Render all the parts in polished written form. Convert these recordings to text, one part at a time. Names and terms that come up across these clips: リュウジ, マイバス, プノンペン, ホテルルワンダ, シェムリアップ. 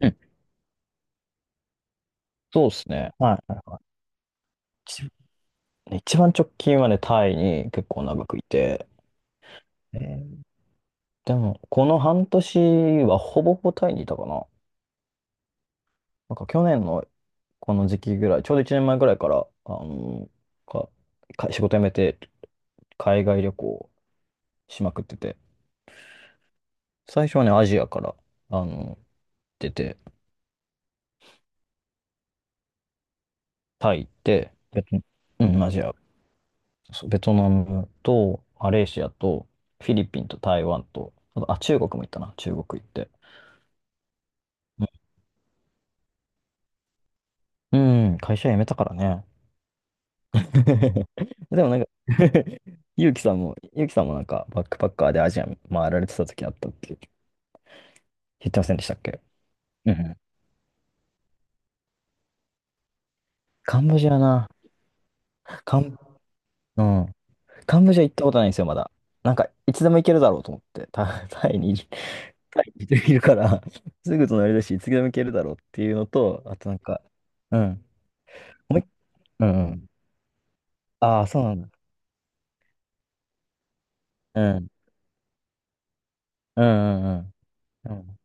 うん、そうですね。はい。一一番直近はね、タイに結構長くいて、えーでも、この半年はほぼほぼタイにいたかな。なんか去年のこの時期ぐらい、ちょうど1年前ぐらいから、あのか、か仕事辞めて海外旅行しまくってて、最初はね、アジアから、あの、出て、タイ行って、ベト、うん、アジア、そうベトナムと、マレーシアと、フィリピンと台湾と、あと、あ、中国も行ったな、中国行って。ううん、会社辞めたからね。でもなんか ゆうきさんもなんかバックパッカーでアジア回られてた時あったって言ってませんでしたっけ？うんうん。カンボジアな。カン、うん。カンボジア行ったことないんですよ、まだ。なんか、いつでも行けるだろうと思って、タイにいるから、すぐ隣だし、いつでも行けるだろうっていうのと、あとなんか、うん。もういうんうん。ああ、そうなんだ。うん。うんうんうん。うん。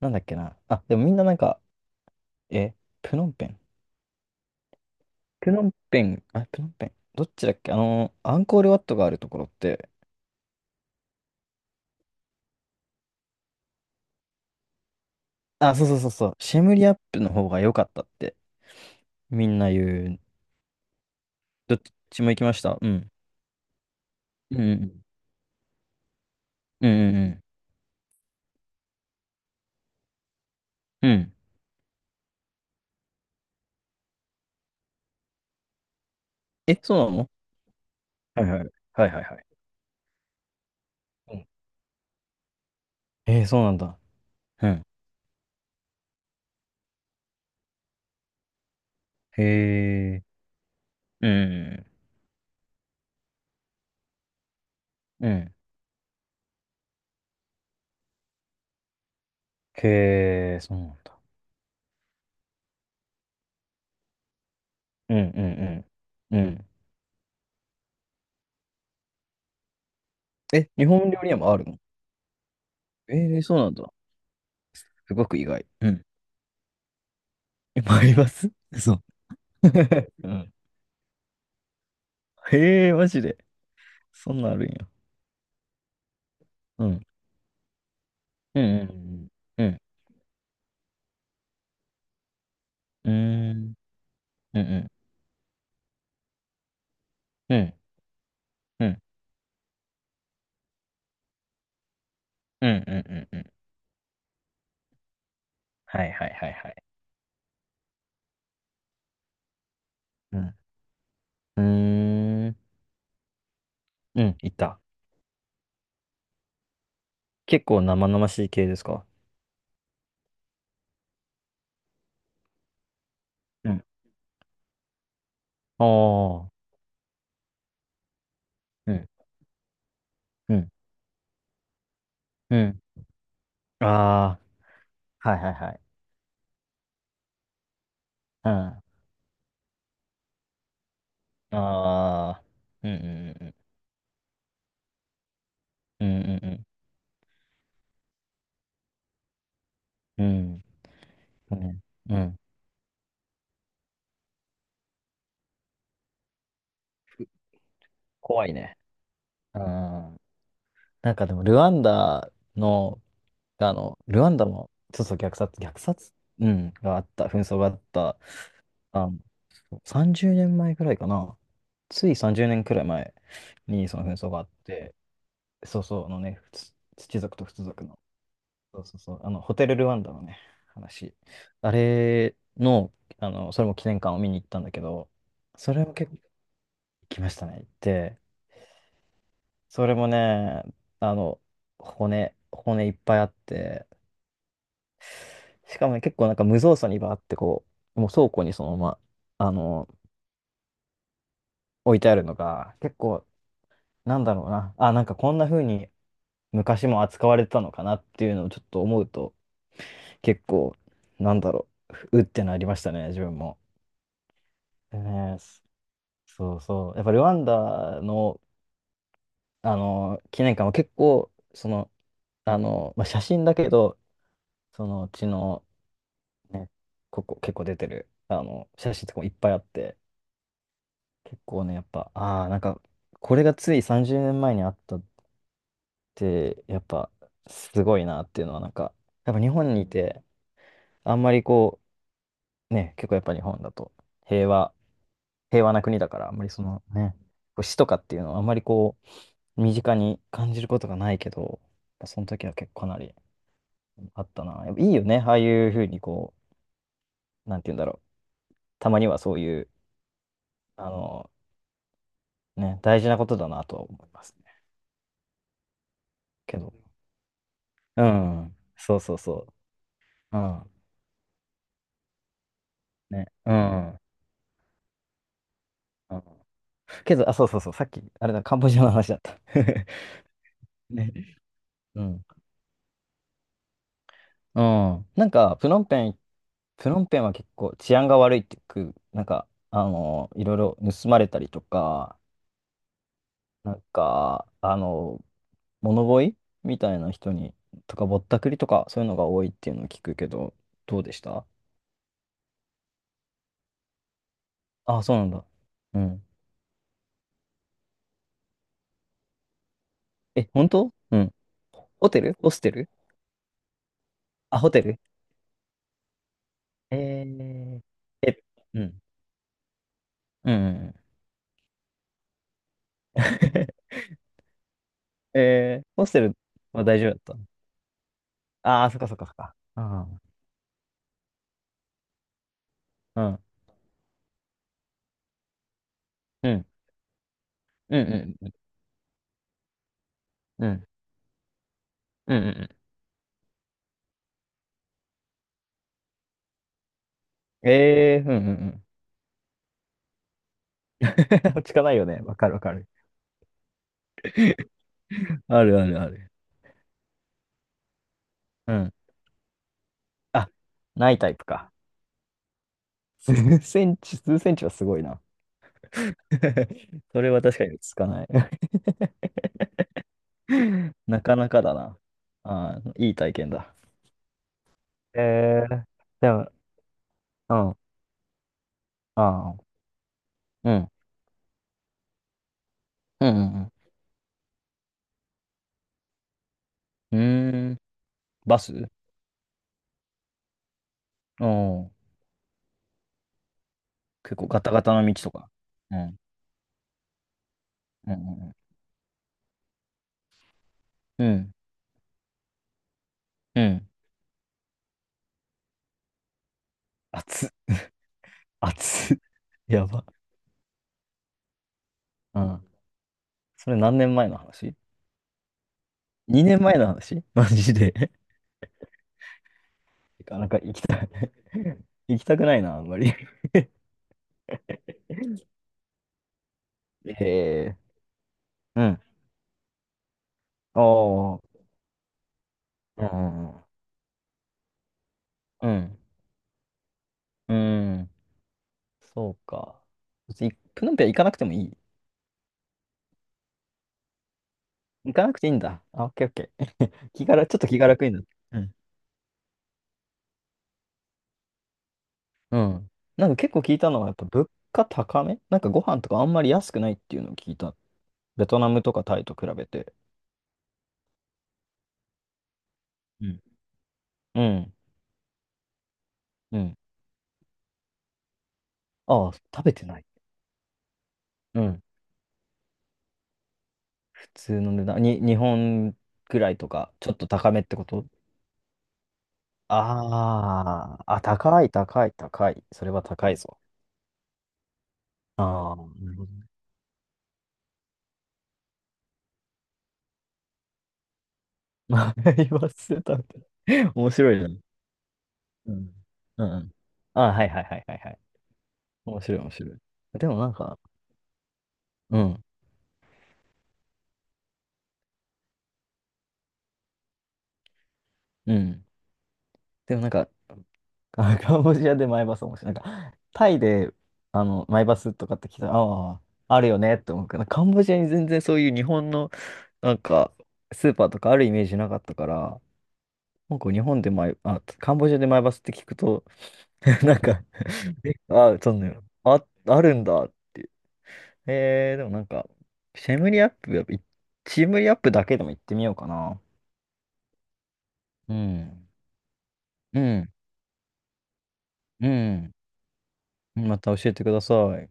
なんだっけな。あ、でもみんななんか、え、プノンペン。プノンペン。どっちだっけあの、アンコールワットがあるところって、あ、そうそうそうそう、シェムリアップの方が良かったってみんな言う。どっちも行きました。うん。うんうんうん。うんうんうん。うん。え、そうなの？はいはい。はいはいはい。うん。えー、そうなんだ。うん。へえ。うん。うんうん。へえ、そうなんだ。うんうんうん。うん。え、日本料理屋もあるの？えー、そうなんだ。すごく意外。うん。え、あります？ そう。うん。へえ、マジで。そんなんあるんや。うん。うん、うん、うん、うん、うん、うん、うん、うん、うん、うん、うん、はいはいはいはい。うん。うーん、うん、いた。結構生々しい系ですか？うん。あー、うん、うん、うん。ああ、はいはいはい。うん。ああ、うん、うん、うん、うん、うん、うん、うん。うん、怖いね。うん。なんかでも、の、ルワンダも、そうそう、虐殺、うん、があった、紛争があった、あの、そう30年前くらいかな。つい30年くらい前にその紛争があって、そうそう、あのね、土族と仏族の、そうそうそう、あの、ホテルルワンダのね、話。あれの、あの、それも記念館を見に行ったんだけど、それも結構行きましたね、行って。それもね、あの、骨いっぱいあって、しかもね結構なんか無造作にバーってもう倉庫にそのまま、あの、置いてあるのが、結構、なんだろうな、あ、なんかこんな風に昔も扱われてたのかなっていうのをちょっと思うと、結構、なんだろう、うってなりましたね、自分も。ねえ、そうそう。やっぱルワンダの、あの、記念館は結構、その、あの、まあ、写真だけど、そのうちの、ね、ここ結構出てる、あの、写真とかもいっぱいあって、結構ね、やっぱ、ああ、なんか、これがつい30年前にあったって、やっぱ、すごいなっていうのは、なんか、やっぱ日本にいて、あんまりこう、ね、結構やっぱ日本だと、平和、平和な国だから、あんまりそのね、こう、死とかっていうのは、あんまりこう、身近に感じることがないけど、やっぱその時は結構かなりあったな。やっぱいいよね、ああいうふうにこう、なんて言うんだろう、たまにはそういう、あの、ね、大事なことだなとは思いますね。けど、うん、そうそうそう。うん、ね。うん。うん。けど、あ、そうそうそう、さっき、あれだ、カンボジアの話だった。ね。うん。うん。なんか、プノンペンは結構治安が悪いってく、なんか、あの、いろいろ盗まれたりとか、なんか、あの、物乞いみたいな人に、とか、ぼったくりとか、そういうのが多いっていうのを聞くけど、どうでした？あ、そうなんだ。うん。え、本当？うん。ホステル？あ、ホテル？えー、え、うん。うんうんうん。えー、ホステルは大丈夫だったの？ああー、そっかそっかそっか。うん。うん。うん。うん。うん。うん。うん。うん。ええー、うん。うん。うん。落ち着かないよね。わかるわかる。あるあるある。うん。あ、ないタイプか。数センチはすごいな。それは確かに落ち着かない。なかなかだな。ああ、いい体験だ。えー、でも、うん。ああ、うん。うん。うん。うん。うーん。バスうん。結構ガタガタの道とか。うん。うんうんうんうん。うん。熱っ、熱っ。やば。うん。それ何年前の話？ 2 年前の話？ マジで。てか、なんか行きたい。行きたくないな、あんまり。へえ。うん。おー。うんうんうん。うん。うん。そうか。別に、プノンペア行かなくてもいい。行かなくていいんだ。あ、オッケーオッケー。気がら、ちょっと気が楽になった。うん。うん。なんか結構聞いたのは、やっぱ物価高めなんかご飯とかあんまり安くないっていうのを聞いた。ベトナムとかタイと比べて。うん。うん。うん。ああ、食べてない。うん。普通の値段。に、日本くらいとか、ちょっと高めってこと？ああ、あ、高い、高い、高い。それは高いぞ。ああ、なるほどね。まあ言わせたみたいな。面白いね。うん。うん。うん。ああ、はいはいはいはいはい。面白い、面白い。でもなんか、うん。うん。でもなんか、あ、カンボジアでマイバス面白い。なんか、タイで、あの、マイバスとかって聞いたら、ああ、あるよねって思うけど、カンボジアに全然そういう日本の、なんか、スーパーとかあるイメージなかったから、なんか日本でマイ、あ、カンボジアでマイバスって聞くと、なんか、えあ、そんなの、あ、あるんだって。えー、でもなんか、シェムリアップ、やっぱいシェムリアップだけでも行ってみようかな。うん。うん。うん。また教えてください。